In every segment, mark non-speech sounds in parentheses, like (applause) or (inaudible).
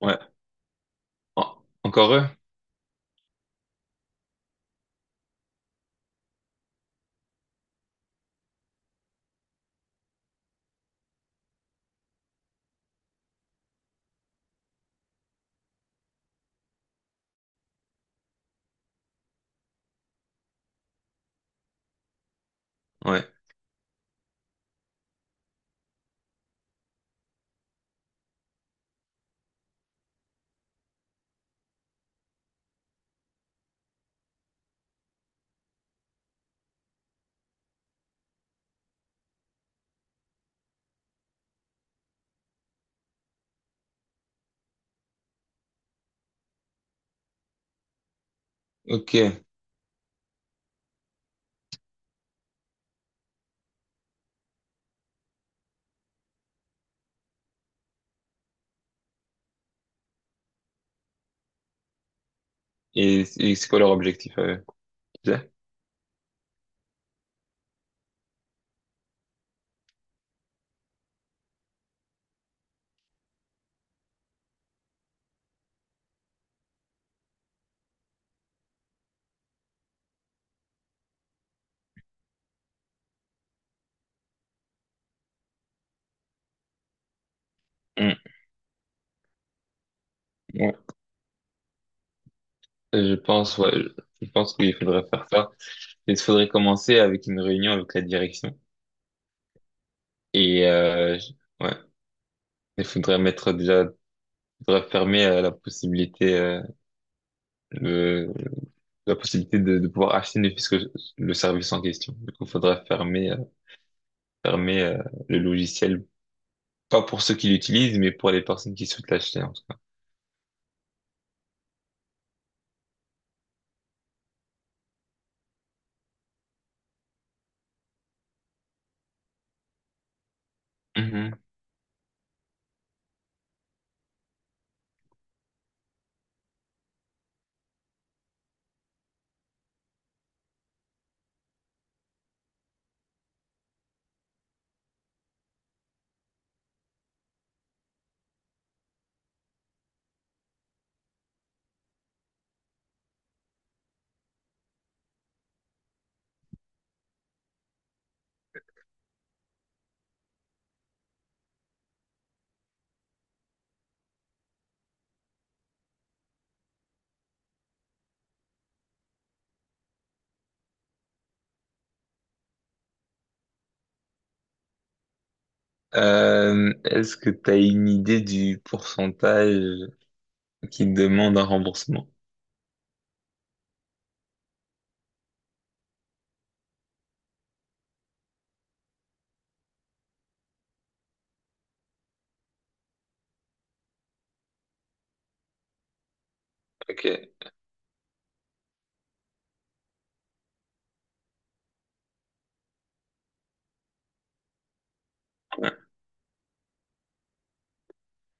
Ouais. Encore eux? Ouais. Ok. Et c'est quoi leur objectif à eux? Tu sais. Hmm, ouais. Je pense, je pense qu'il faudrait faire ça. Il faudrait commencer avec une réunion avec la direction. Et euh, je- ouais, il faudrait mettre déjà, il faudrait fermer la possibilité, de, la possibilité de pouvoir acheter ne fût-ce que le service en question. Du coup, il faudrait fermer, fermer euh, le logiciel, pas pour ceux qui l'utilisent, mais pour les personnes qui souhaitent l'acheter en tout cas. Est-ce que tu as une idée du pourcentage qui demande un remboursement? Ok. Ouais.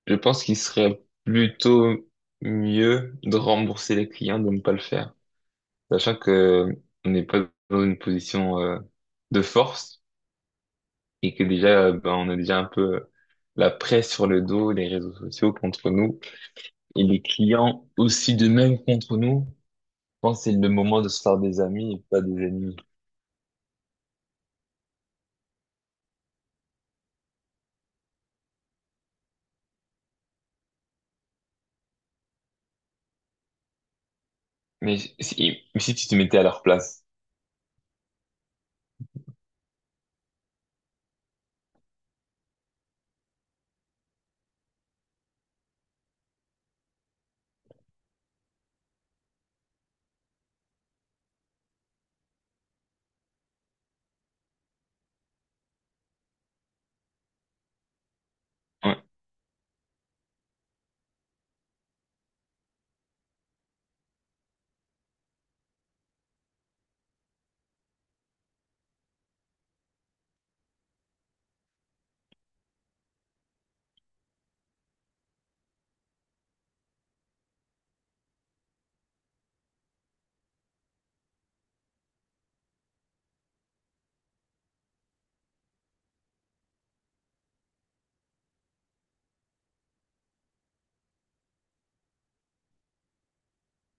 Je pense qu'il serait plutôt mieux de rembourser les clients, de ne pas le faire. Sachant que on n'est pas dans une position de force et que déjà, ben, on a déjà un peu la presse sur le dos, les réseaux sociaux contre nous et les clients aussi de même contre nous. Je pense que c'est le moment de se faire des amis et pas des ennemis. Mais si, si, mais si tu te mettais à leur place.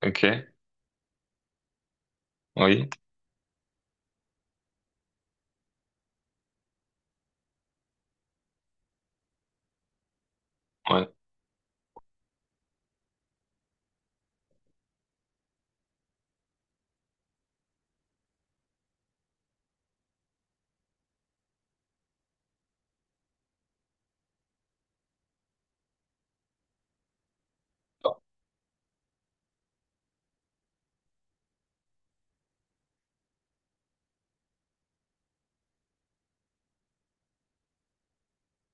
Ok, oui, ouais.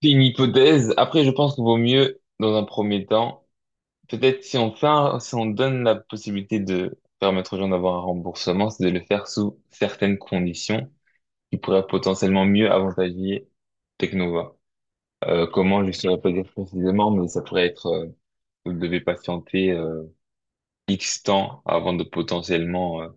C'est une hypothèse. Après, je pense qu'il vaut mieux, dans un premier temps, peut-être si on fait si on donne la possibilité de permettre aux gens d'avoir un remboursement, c'est de le faire sous certaines conditions qui pourraient potentiellement mieux avantager Teknova. Comment, je ne saurais pas dire précisément, mais ça pourrait être, vous devez patienter X temps avant de potentiellement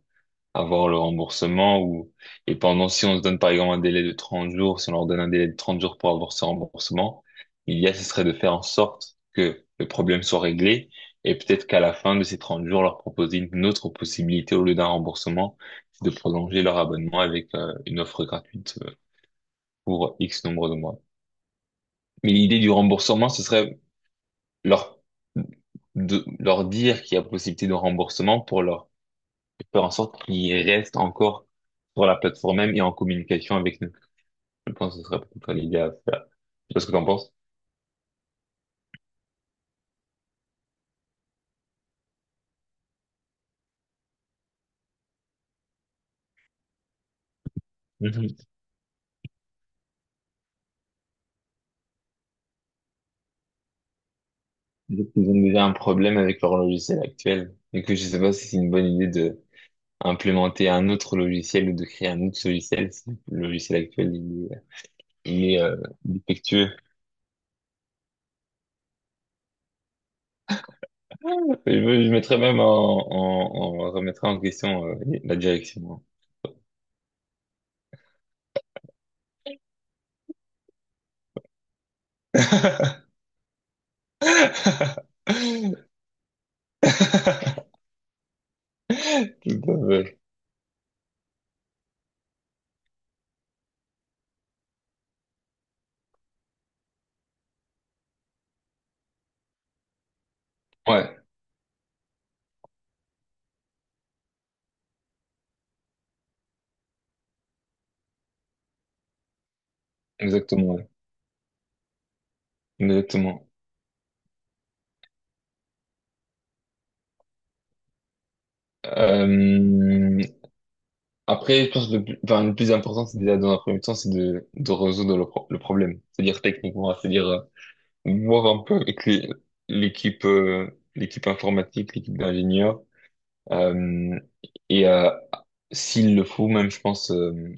avoir le remboursement ou et pendant si on se donne par exemple un délai de 30 jours, si on leur donne un délai de 30 jours pour avoir ce remboursement, l'idéal ce serait de faire en sorte que le problème soit réglé et peut-être qu'à la fin de ces 30 jours leur proposer une autre possibilité au lieu d'un remboursement, c'est de prolonger leur abonnement avec une offre gratuite pour X nombre de mois. Mais l'idée du remboursement, ce serait leur de leur dire qu'il y a possibilité de remboursement pour leur faire en sorte qu'ils restent encore sur la plateforme même et en communication avec nous. Je pense que ce serait peut-être l'idée à faire. Je sais pas ce que t'en penses. Mhm. Donc, ils ont déjà un problème avec leur logiciel actuel. Et que je sais pas si c'est une bonne idée de implémenter un autre logiciel ou de créer un autre logiciel si le logiciel actuel il est, euh, défectueux. Je mettrais même en remettrais en question la direction. (laughs) Tout à fait. (laughs) Ouais, exactement. Ouais. Exactement. Euh, Après, je pense que le plus, enfin, le plus important, c'est déjà dans un premier temps, c'est de résoudre le, le problème. C'est-à-dire techniquement, c'est-à-dire voir un peu avec l'équipe l'équipe informatique, l'équipe d'ingénieurs. euh, et euh, S'il le faut, même, je pense, euh,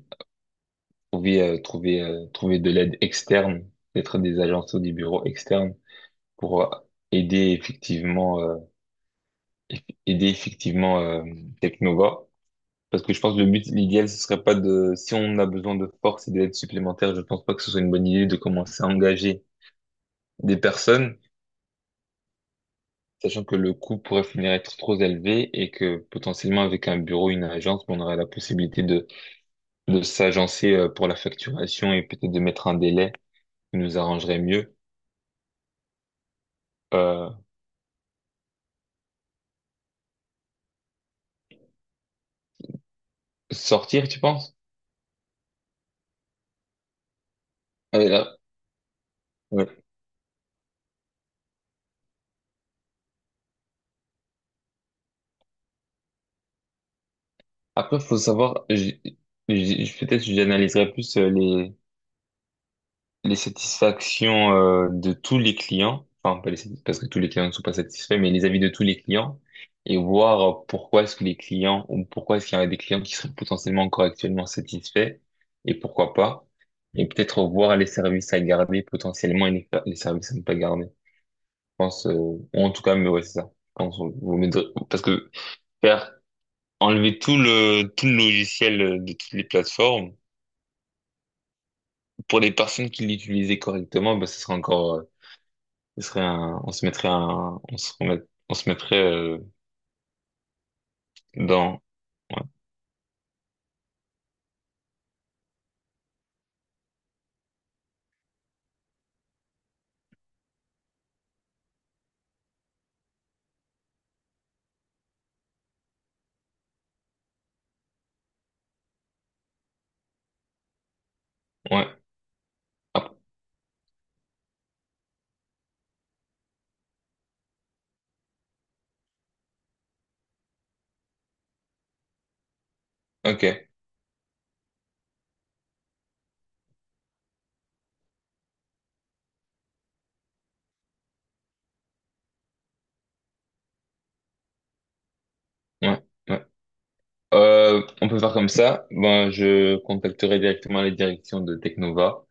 trouver, euh, trouver, euh, trouver de l'aide externe, peut-être des agences ou des bureaux externes pour aider effectivement, aider effectivement Technova. Parce que je pense que le but, l'idéal, ce serait pas de, si on a besoin de force et d'aide supplémentaire, je pense pas que ce soit une bonne idée de commencer à engager des personnes, sachant que le coût pourrait finir être trop élevé et que potentiellement avec un bureau, une agence, on aurait la possibilité de s'agencer pour la facturation et peut-être de mettre un délai qui nous arrangerait mieux. Euh, sortir, tu penses? Là, ouais. Après, faut savoir, peut-être j'analyserai plus les satisfactions de tous les clients, enfin pas les parce que tous les clients ne sont pas satisfaits, mais les avis de tous les clients et voir pourquoi est-ce que les clients ou pourquoi est-ce qu'il y a des clients qui sont potentiellement encore actuellement satisfaits et pourquoi pas et peut-être voir les services à garder potentiellement et les services à ne pas garder. Je pense ou en tout cas mais ouais c'est ça. Je pense parce que faire enlever tout le logiciel de toutes les plateformes pour les personnes qui l'utilisaient correctement, bah, ce sera encore ce serait on se mettrait un, on se remet, on se mettrait dans, ouais, ouais, ah, ok, ouais, ouais. On peut faire comme ça. Ben, je contacterai directement les directions de Technova.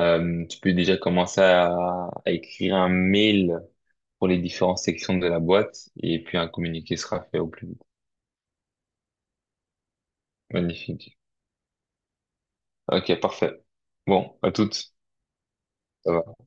Tu peux déjà commencer à écrire un mail pour les différentes sections de la boîte et puis un communiqué sera fait au plus vite. Magnifique. Ok, parfait. Bon, à toutes. Ça va.